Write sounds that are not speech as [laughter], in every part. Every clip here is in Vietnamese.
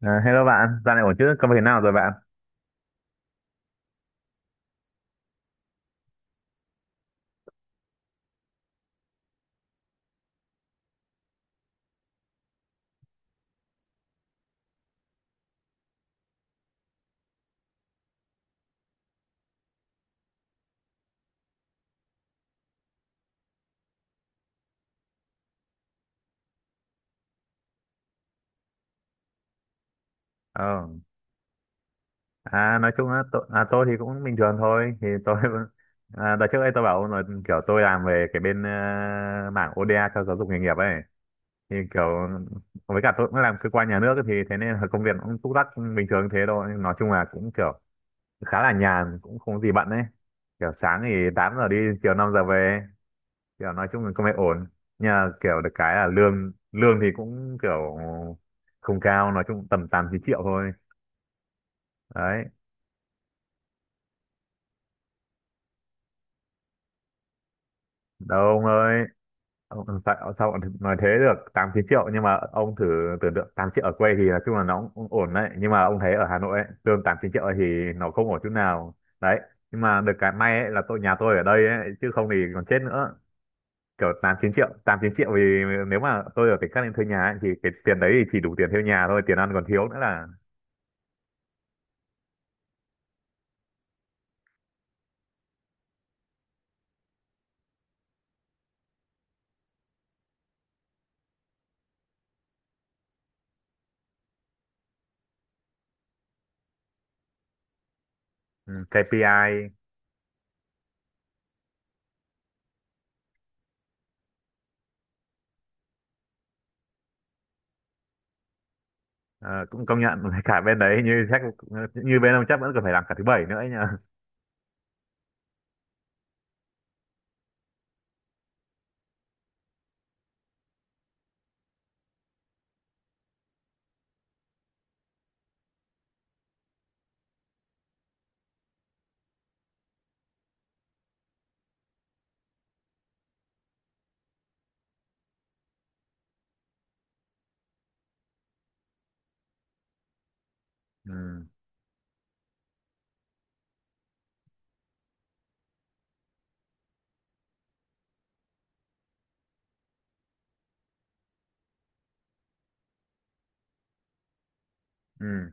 Ờ, Hello bạn, dạo này ổn chứ? Công việc thế nào rồi bạn? Ờ, nói chung á, tôi thì cũng bình thường thôi. Thì tôi, [laughs] đợt trước đây tôi bảo ông là kiểu tôi làm về cái bên mảng ODA cho giáo dục nghề nghiệp ấy. Thì kiểu, với cả tôi cũng làm cơ quan nhà nước ấy, thì thế nên là công việc cũng túc tắc bình thường thế thôi. Nói chung là cũng kiểu khá là nhàn, cũng không có gì bận ấy. Kiểu sáng thì 8 giờ đi, chiều 5 giờ về. Kiểu nói chung là công việc ổn, nhưng mà kiểu được cái là lương lương thì cũng kiểu không cao, nói chung tầm 8-9 triệu thôi. Đấy, đâu ông ơi. Ông, sao ông nói thế? Được 8-9 triệu nhưng mà ông thử tưởng tượng 8 triệu ở quê thì nói chung là nó cũng ổn đấy, nhưng mà ông thấy ở Hà Nội ấy, lương 8-9 triệu ấy thì nó không ổn chút nào. Đấy, nhưng mà được cái may ấy là tôi nhà tôi ở đây ấy chứ không thì còn chết nữa. Kiểu 8-9 triệu 8-9 triệu thì nếu mà tôi ở tỉnh khác lên thuê nhà ấy, thì cái tiền đấy thì chỉ đủ tiền thuê nhà thôi, tiền ăn còn thiếu nữa là. Ừ, KPI. Ờ, Cũng công nhận [laughs] cả bên đấy, như chắc như bên ông chắc vẫn còn phải làm cả thứ bảy nữa ấy nhờ. Ừ, ừ.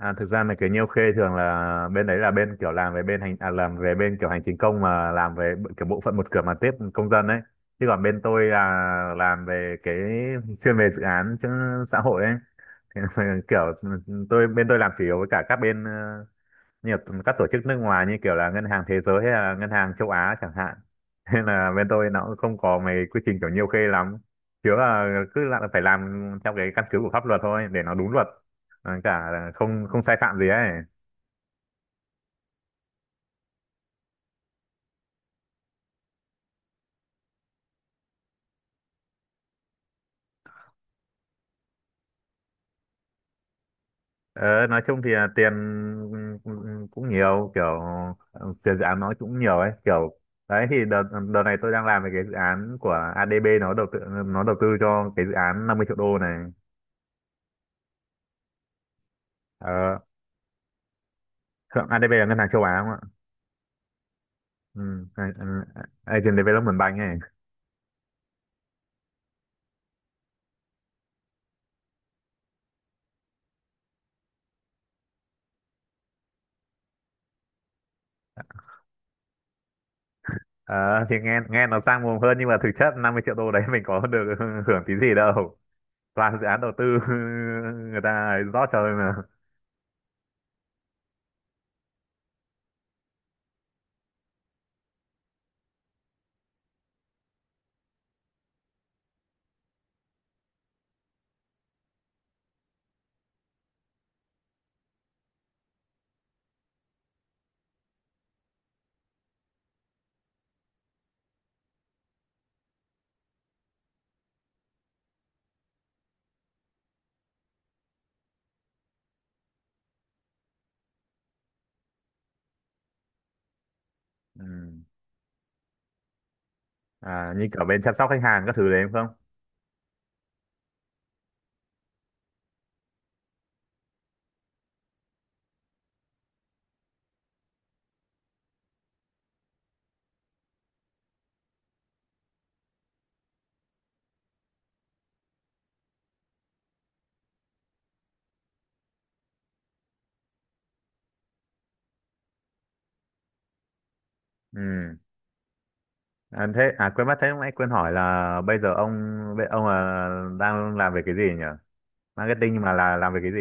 À, thực ra là cái nhiêu khê thường là bên đấy, là bên kiểu làm về bên làm về bên kiểu hành chính công, mà làm về kiểu bộ phận một cửa mà tiếp công dân ấy, chứ còn bên tôi là làm về cái chuyên về dự án chứ xã hội ấy. [laughs] Thế nên là [laughs] kiểu bên tôi làm chủ yếu với cả các bên nhiều các tổ chức nước ngoài như kiểu là ngân hàng thế giới hay là ngân hàng châu Á chẳng hạn. [laughs] Nên là bên tôi nó cũng không có mấy quy trình kiểu nhiều khê lắm, chứ là cứ là phải làm theo cái căn cứ của pháp luật thôi để nó đúng luật. Cả là không không sai phạm gì ấy. Ờ, nói chung thì là tiền cũng cũng nhiều kiểu, tiền dự án nó cũng nhiều ấy. Kiểu đấy thì đợt đợt này tôi đang làm về cái dự án của ADB nó đầu tư, cho cái dự án 50 triệu đô này. ờ, ADB là ngân hàng châu Á. Ừ, Agent Development Bank này. Ờ, thì nghe nghe nó sang mồm hơn, nhưng mà thực chất 50 triệu đô đấy [laughs] mình có được [laughs] hưởng tí gì đâu, toàn dự án đầu tư [laughs] người ta ấy rót cho thôi mà. Ừ. Như kiểu bên chăm sóc khách hàng các thứ đấy đúng không? Ừ. Thế à, quên mất, thế lúc nãy quên hỏi là bây giờ ông, ông là đang làm về cái gì nhỉ? Marketing mà là làm về cái gì?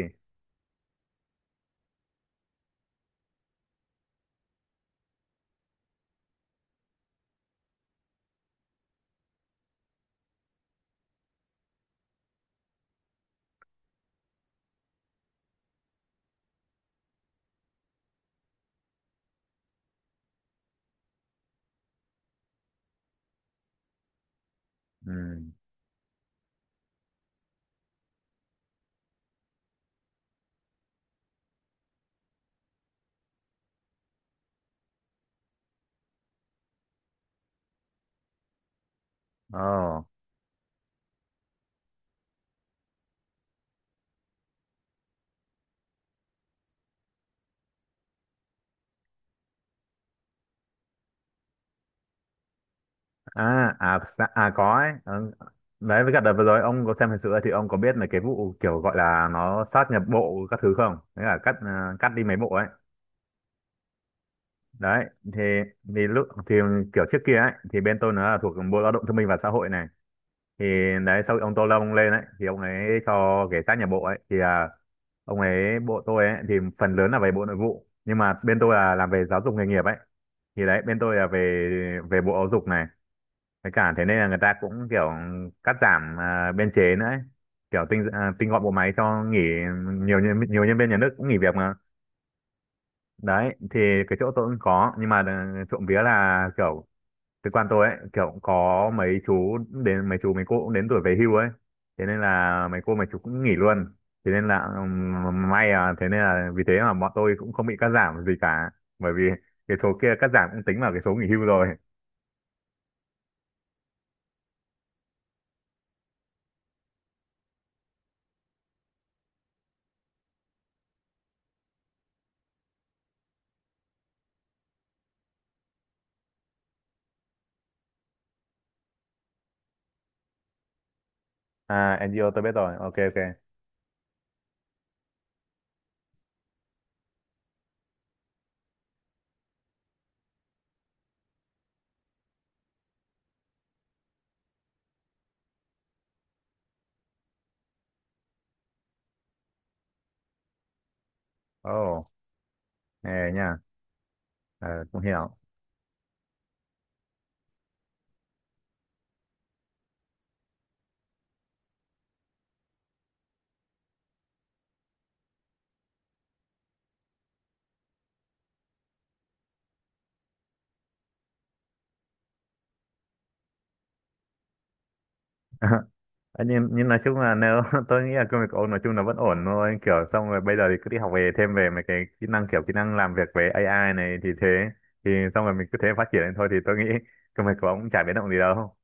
Ừ. Ồ. À, à, dạ, à, có ấy. Ừ. Đấy, với cả đợt vừa rồi ông có xem hình sự ấy, thì ông có biết là cái vụ kiểu gọi là nó sát nhập bộ các thứ không? Đấy là cắt đi mấy bộ ấy. Đấy thì thì lúc thì kiểu trước kia ấy thì bên tôi nó là thuộc bộ lao động thương binh và xã hội này. Thì đấy, sau khi ông Tô Lâm lên ấy thì ông ấy cho cái sát nhập bộ ấy thì, ông ấy bộ tôi ấy thì phần lớn là về bộ nội vụ, nhưng mà bên tôi là làm về giáo dục nghề nghiệp ấy, thì đấy bên tôi là về về bộ giáo dục này. Với cả thế nên là người ta cũng kiểu cắt giảm biên chế nữa ấy. Kiểu tinh gọn bộ máy cho nghỉ, nhiều nhân viên nhà nước cũng nghỉ việc mà. Đấy thì cái chỗ tôi cũng có, nhưng mà trộm vía là kiểu cơ quan tôi ấy kiểu cũng có mấy chú, đến mấy chú mấy cô cũng đến tuổi về hưu ấy. Thế nên là mấy cô mấy chú cũng nghỉ luôn. Thế nên là may, thế nên là vì thế mà bọn tôi cũng không bị cắt giảm gì cả, bởi vì cái số kia cắt giảm cũng tính vào cái số nghỉ hưu rồi. À, NGO tôi biết rồi. Ok, ok. Ồ. Ê nha, ờ, cũng hiểu. Nhưng, nói chung là nếu [laughs] tôi nghĩ là công việc của ông nói chung là vẫn ổn thôi. Kiểu xong rồi bây giờ thì cứ đi học về thêm về mấy cái kỹ năng kiểu kỹ năng làm việc với AI này thì thế. Thì xong rồi mình cứ thế phát triển lên thôi, thì tôi nghĩ [laughs] công việc của ông cũng chả biến động gì đâu.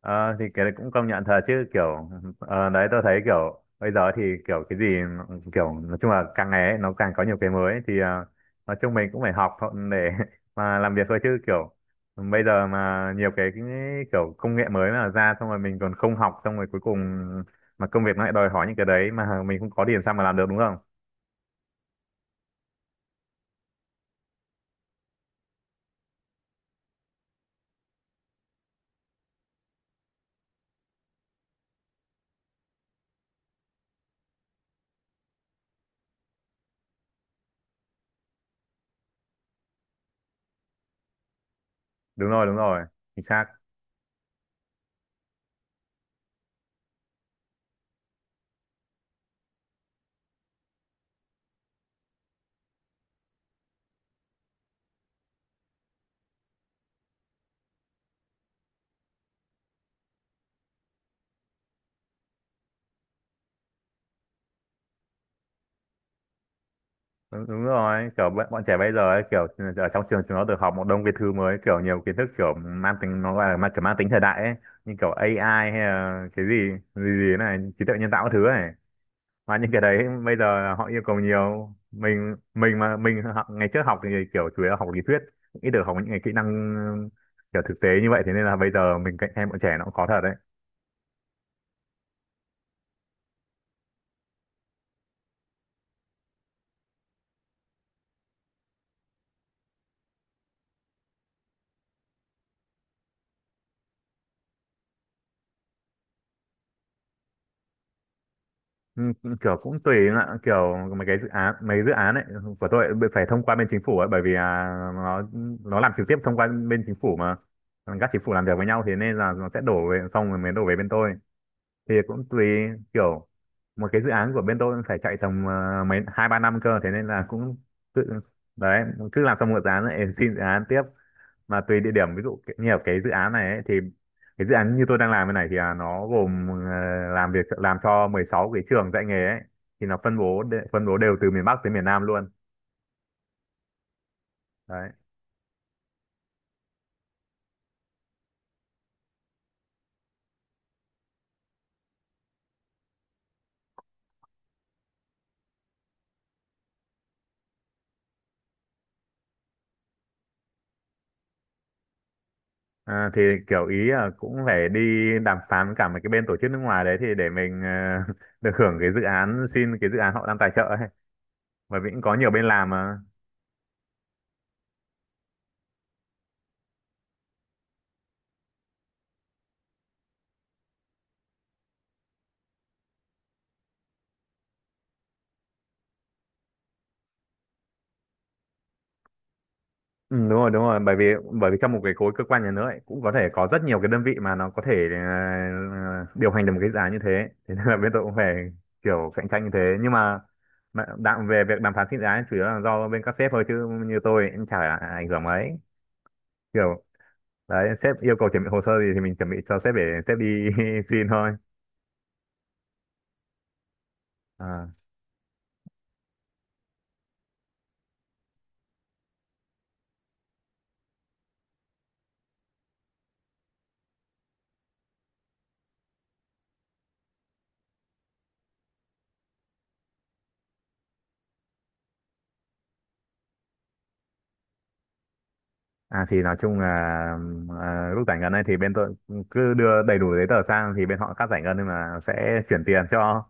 Ờ, thì cái đấy cũng công nhận thật chứ kiểu, đấy tôi thấy kiểu bây giờ thì kiểu cái gì nó-, kiểu nói chung là càng ngày ấy, nó càng có nhiều cái mới thì nói chung mình cũng phải học thôi để [laughs] mà làm việc thôi chứ kiểu bây giờ mà nhiều cái kiểu công nghệ mới mà ra xong rồi mình còn không học, xong rồi cuối cùng mà công việc nó lại đòi hỏi những cái đấy mà mình không có tiền sao mà làm được đúng không? Đúng rồi, đúng rồi. Chính xác. Đúng, đúng rồi, kiểu bọn trẻ bây giờ ấy, kiểu ở trong trường chúng nó được học một đông cái thứ mới, kiểu nhiều kiến thức kiểu mang tính, nó gọi là mang tính thời đại ấy, như kiểu AI hay là cái gì gì gì này, trí tuệ nhân tạo các thứ này. Mà những cái đấy bây giờ họ yêu cầu nhiều, mình học ngày trước học thì kiểu chủ yếu là học lý thuyết, ít được học những cái kỹ năng kiểu thực tế như vậy, thế nên là bây giờ mình cạnh tranh bọn trẻ nó cũng khó thật đấy. Ừ, kiểu cũng tùy em ạ, kiểu mấy dự án ấy của tôi bị phải thông qua bên chính phủ ấy, bởi vì nó nó làm trực tiếp thông qua bên chính phủ mà, các chính phủ làm việc với nhau, thế nên là nó sẽ đổ về xong rồi mới đổ về bên tôi. Thì cũng tùy, kiểu một cái dự án của bên tôi phải chạy tầm mấy 2-3 năm cơ, thế nên là cũng tự đấy cứ làm xong một dự án lại xin dự án tiếp. Mà tùy địa điểm, ví dụ như ở cái dự án này ấy, thì cái dự án như tôi đang làm cái này thì nó gồm làm việc, làm cho 16 cái trường dạy nghề ấy, thì nó phân bố phân bố đều từ miền Bắc tới miền Nam luôn. Đấy. À, thì kiểu ý là cũng phải đi đàm phán với cả mấy cái bên tổ chức nước ngoài đấy, thì để mình [laughs] được hưởng cái dự án xin cái dự án họ đang tài trợ ấy, bởi vì cũng có nhiều bên làm mà. Ừ, đúng rồi, đúng rồi, bởi vì trong một cái khối cơ quan nhà nước ấy, cũng có thể có rất nhiều cái đơn vị mà nó có thể điều hành được một cái giá như thế, thế nên là bên tôi cũng phải kiểu cạnh tranh như thế, nhưng mà về việc đàm phán sinh giá chủ yếu là do bên các sếp thôi chứ như tôi cũng chả ảnh hưởng mấy, kiểu đấy sếp yêu cầu chuẩn bị hồ sơ gì thì mình chuẩn bị cho sếp để sếp đi [laughs] xin thôi. à, thì nói chung là, lúc giải ngân ấy thì bên tôi cứ đưa đầy đủ giấy tờ sang thì bên họ cắt giải ngân, nhưng mà sẽ chuyển tiền cho.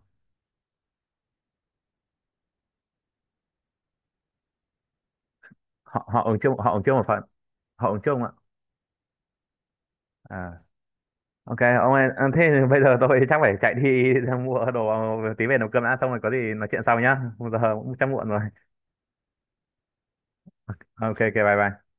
Họ họ ứng chung, họ ứng chung một phần, họ ứng chung ạ. À. Ok ông ơi, à, thế [laughs] thì bây giờ tôi chắc phải chạy đi [laughs] ra mua đồ tí về nấu cơm đã, xong rồi có gì nói chuyện sau nhá, bây giờ cũng chắc muộn rồi. Ok, ok, bye bye.